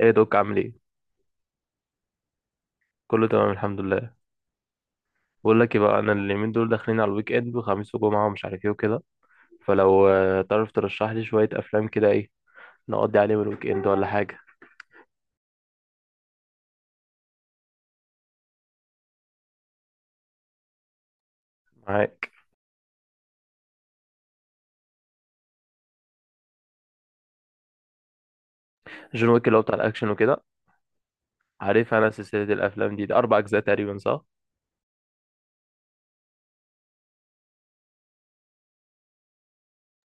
ايه دوك عامل ايه؟ كله تمام الحمد لله. بقول لك ايه بقى، انا اليومين دول داخلين على الويك اند وخميس وجمعه ومش عارف ايه وكده. فلو تعرف ترشح لي شويه افلام كده ايه نقضي عليهم الويك اند ولا حاجه؟ معاك. جون ويك اللي هو بتاع الاكشن وكده. عارف انا سلسله الافلام دي اربع اجزاء تقريبا صح؟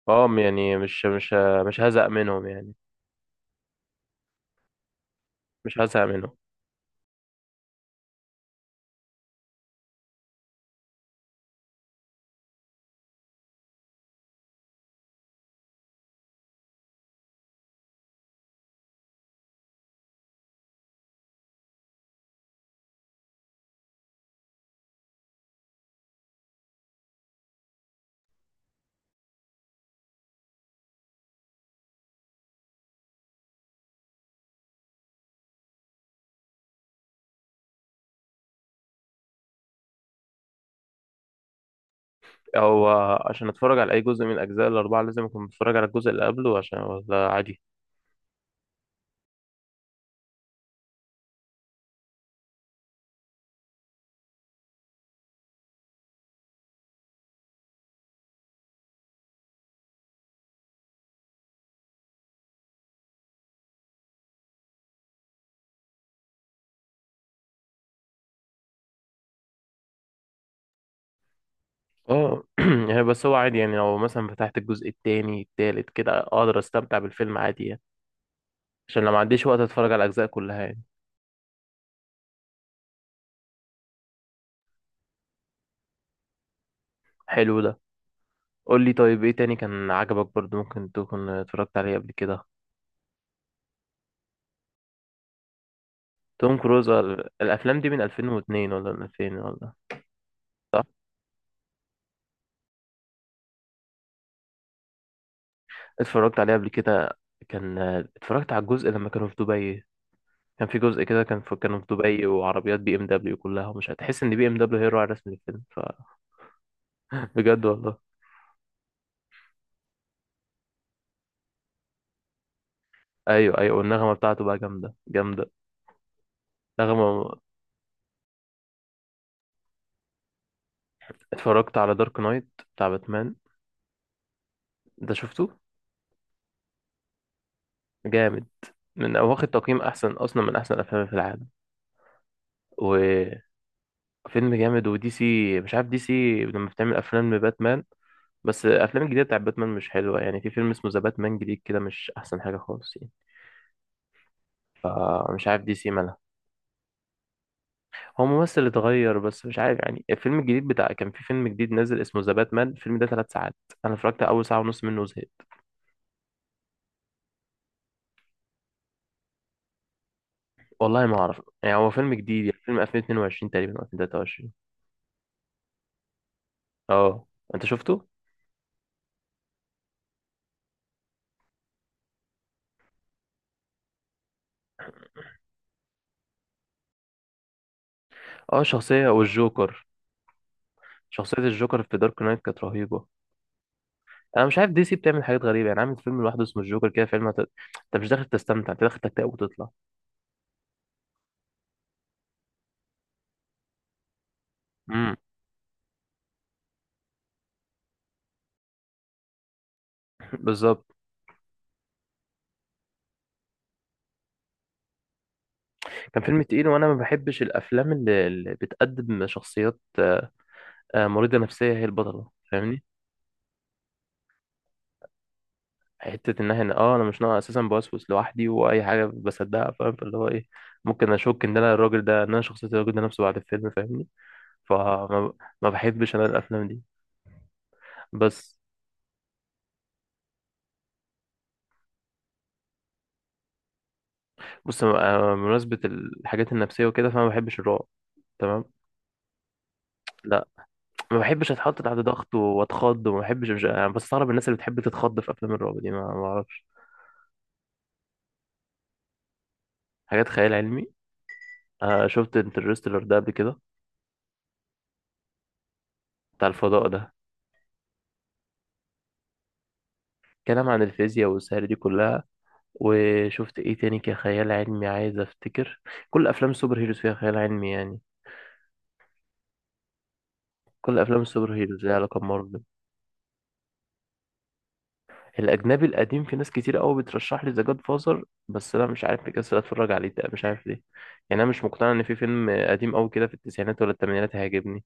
اه يعني مش هزهق منهم يعني. مش هزهق منهم. هو عشان اتفرج على اي جزء من الاجزاء الاربعه لازم اكون متفرج على الجزء اللي قبله، عشان ولا عادي؟ اه يعني بس هو عادي يعني، لو مثلا فتحت الجزء التاني التالت كده اقدر استمتع بالفيلم عادي يعني. عشان لو ما عنديش وقت اتفرج على الاجزاء كلها يعني. حلو ده. قول لي طيب، ايه تاني كان عجبك برضو ممكن تكون اتفرجت عليه قبل كده؟ توم كروز الافلام دي من 2002 ولا من 2000 ولا؟ صح. اتفرجت عليه قبل كده. كان اتفرجت على الجزء لما كانوا في دبي. كان في جزء كده كان في كانوا في دبي، وعربيات بي ام دبليو كلها، ومش هتحس ان بي ام دبليو هي الراعي الرسمي للفيلم. فبجد والله. ايوه ايوه، والنغمه بتاعته بقى جامده جامده. رغم ما اتفرجت على دارك نايت بتاع باتمان. ده شفته. جامد. من هو واخد تقييم احسن اصلا من احسن الافلام في العالم. وفيلم جامد. ودي سي مش عارف، دي سي لما بتعمل افلام لباتمان، بس الافلام الجديده بتاع باتمان مش حلوه يعني. في فيلم اسمه ذا باتمان جديد كده، مش احسن حاجه خالص يعني. مش عارف دي سي مالها. هو ممثل اتغير، بس مش عارف يعني الفيلم الجديد بتاع كان في فيلم جديد نازل اسمه ذا باتمان، الفيلم ده ثلاث ساعات. انا اتفرجت على اول ساعه ونص منه وزهقت. والله ما اعرف يعني، هو فيلم جديد يعني فيلم 2022 تقريبا او 2023. اه. انت شفته؟ اه. شخصية والجوكر. شخصية الجوكر في دارك نايت كانت رهيبة. انا مش عارف دي سي بتعمل حاجات غريبة يعني، عامل فيلم لوحده اسمه الجوكر كده، فيلم انت مش داخل تستمتع، انت داخل تكتئب وتطلع. امم. بالظبط. كان فيلم تقيل، وانا ما بحبش الافلام اللي بتقدم شخصيات مريضة نفسية هي البطلة، فاهمني؟ حتة ان احنا اه انا مش ناقص اساسا بوسوس لوحدي واي حاجة بصدقها فاهم، فاللي هو ايه، ممكن اشك ان انا الراجل ده، ان انا شخصية الراجل ده نفسه بعد الفيلم فاهمني. فما ما بحبش انا الافلام دي بس. بص بمناسبة الحاجات النفسية وكده، فأنا ما بحبش الرعب. تمام. لا. ما بحبش أتحط تحت ضغط وأتخض، وما بحبش مش... أنا بستغرب الناس اللي بتحب تتخض في أفلام الرعب دي، ما أعرفش. حاجات خيال علمي. آه شفت انترستيلر ده قبل كده، بتاع الفضاء ده. كلام عن الفيزياء والسهر دي كلها. وشفت إيه تاني كخيال علمي عايز أفتكر. كل أفلام السوبر هيروز فيها خيال علمي يعني. كل أفلام السوبر هيروز ليها علاقة بمارفل. الاجنبي القديم، في ناس كتير قوي بترشح لي ذا جاد فازر، بس انا مش عارف، مكسل اتفرج عليه ده، مش عارف ليه. يعني انا مش مقتنع ان في فيلم قديم قوي كده في التسعينات ولا الثمانينات هيعجبني.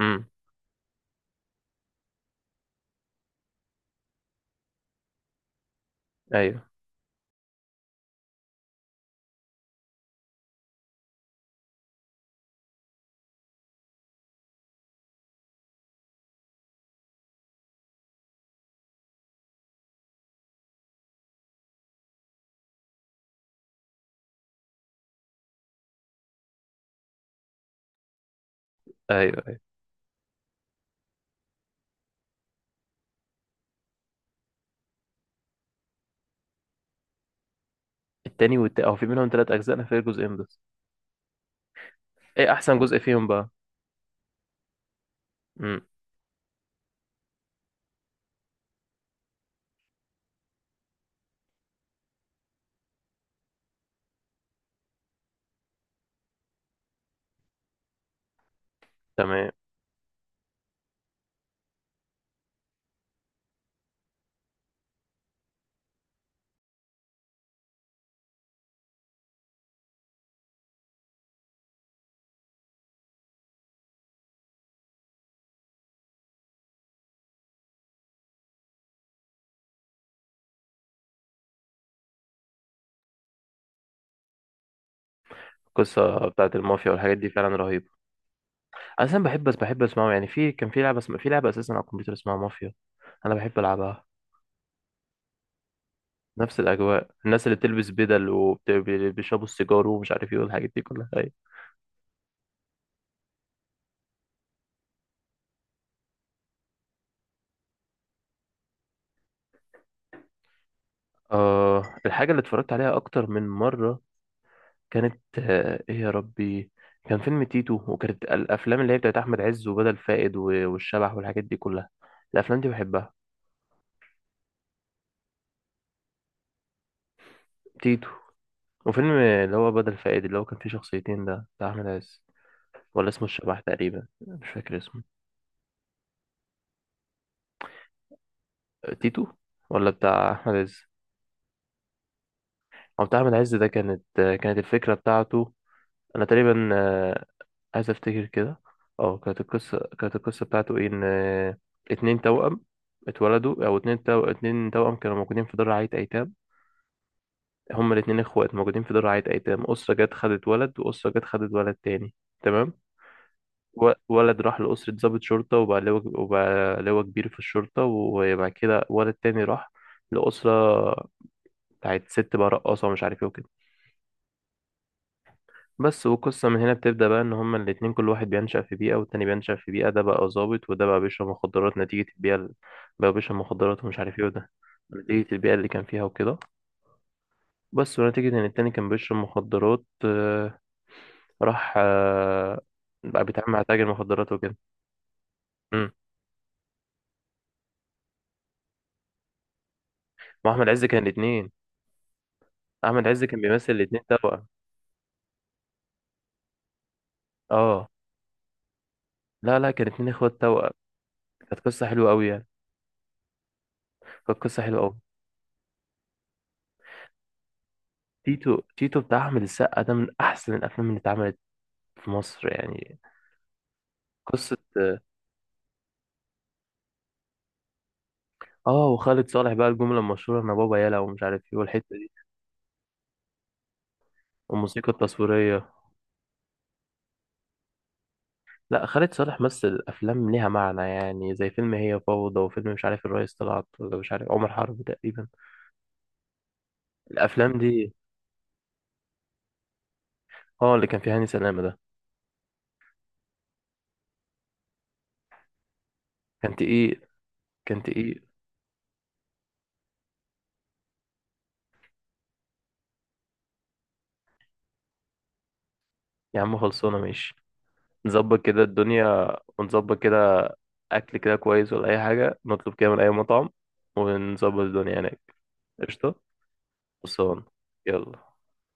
امم. ايوه ايوه ايوه. التاني او في منهم ثلاث اجزاء، انا فاكر جزئين بس. ايه احسن جزء فيهم بقى؟ امم. تمام. القصه بتاعت المافيا والحاجات دي فعلا رهيبه. انا بحب، بس بحب اسمعه يعني. في كان في لعبه في لعبه اساسا على الكمبيوتر اسمها مافيا. انا بحب العبها. نفس الاجواء، الناس اللي بتلبس بدل وبيشربوا السيجار ومش عارف ايه والحاجات دي كلها، أيوه. آه، الحاجة اللي اتفرجت عليها أكتر من مرة كانت آه إيه يا ربي. كان فيلم تيتو، وكانت الأفلام اللي هي بتاعت أحمد عز وبدل فائد والشبح والحاجات دي كلها. الأفلام دي بحبها. تيتو، وفيلم اللي هو بدل فائد اللي هو كان فيه شخصيتين ده بتاع أحمد عز، ولا اسمه الشبح تقريبا مش فاكر اسمه. تيتو ولا بتاع أحمد عز؟ أو بتاع أحمد عز ده كانت كانت الفكرة بتاعته. أنا تقريبا عايز افتكر كده. اه كانت القصه كانت القصه بتاعته ايه؟ ان اتنين توأم اتولدوا، او اتنين اتنين توأم كانوا موجودين في دار رعاية ايتام. هما الاتنين اخوات موجودين في دار رعاية ايتام. اسره جت خدت ولد، واسره جت خدت ولد تاني. تمام. ولد راح لأسرة ضابط شرطة وبقى لواء، وبقى لواء كبير في الشرطة. وبعد كده ولد تاني راح لأسرة بتاعت ست بقى رقاصة ومش عارف ايه وكده بس. والقصة من هنا بتبدأ بقى، إن هما الاتنين كل واحد بينشأ في بيئة والتاني بينشأ في بيئة، ده بقى ظابط وده بقى بيشرب مخدرات نتيجة البيئة بقى بيشرب مخدرات ومش عارف إيه، وده نتيجة البيئة اللي كان فيها وكده. بس ونتيجة إن التاني كان بيشرب مخدرات راح بقى بيتعامل مع تاجر مخدرات وكده. امم. وأحمد عز كان الاتنين. أحمد عز كان بيمثل الاتنين توأم. اه. لا لا، كان اتنين إخوات توأم. كانت قصة حلوة أوي يعني. كانت قصة حلوة أوي. تيتو. تيتو بتاع أحمد السقا ده من أحسن الأفلام اللي اتعملت في مصر يعني. قصة. اه وخالد صالح بقى الجملة المشهورة انا بابا يلا ومش عارف ايه والحتة دي. والموسيقى التصويرية. لا، خالد صالح مثل افلام ليها معنى يعني، زي فيلم هي فوضى، وفيلم مش عارف الريس طلعت ولا مش عارف عمر حرب تقريبا. الافلام دي اه، اللي كان فيها هاني سلامة ده. كان تقيل. كان تقيل. يا عم خلصونا ماشي. نظبط كده الدنيا ونظبط كده. اكل كده كويس ولا اي حاجة نطلب كده من اي مطعم، ونظبط الدنيا هناك. قشطة. خلصان. يلا.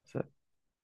سلام.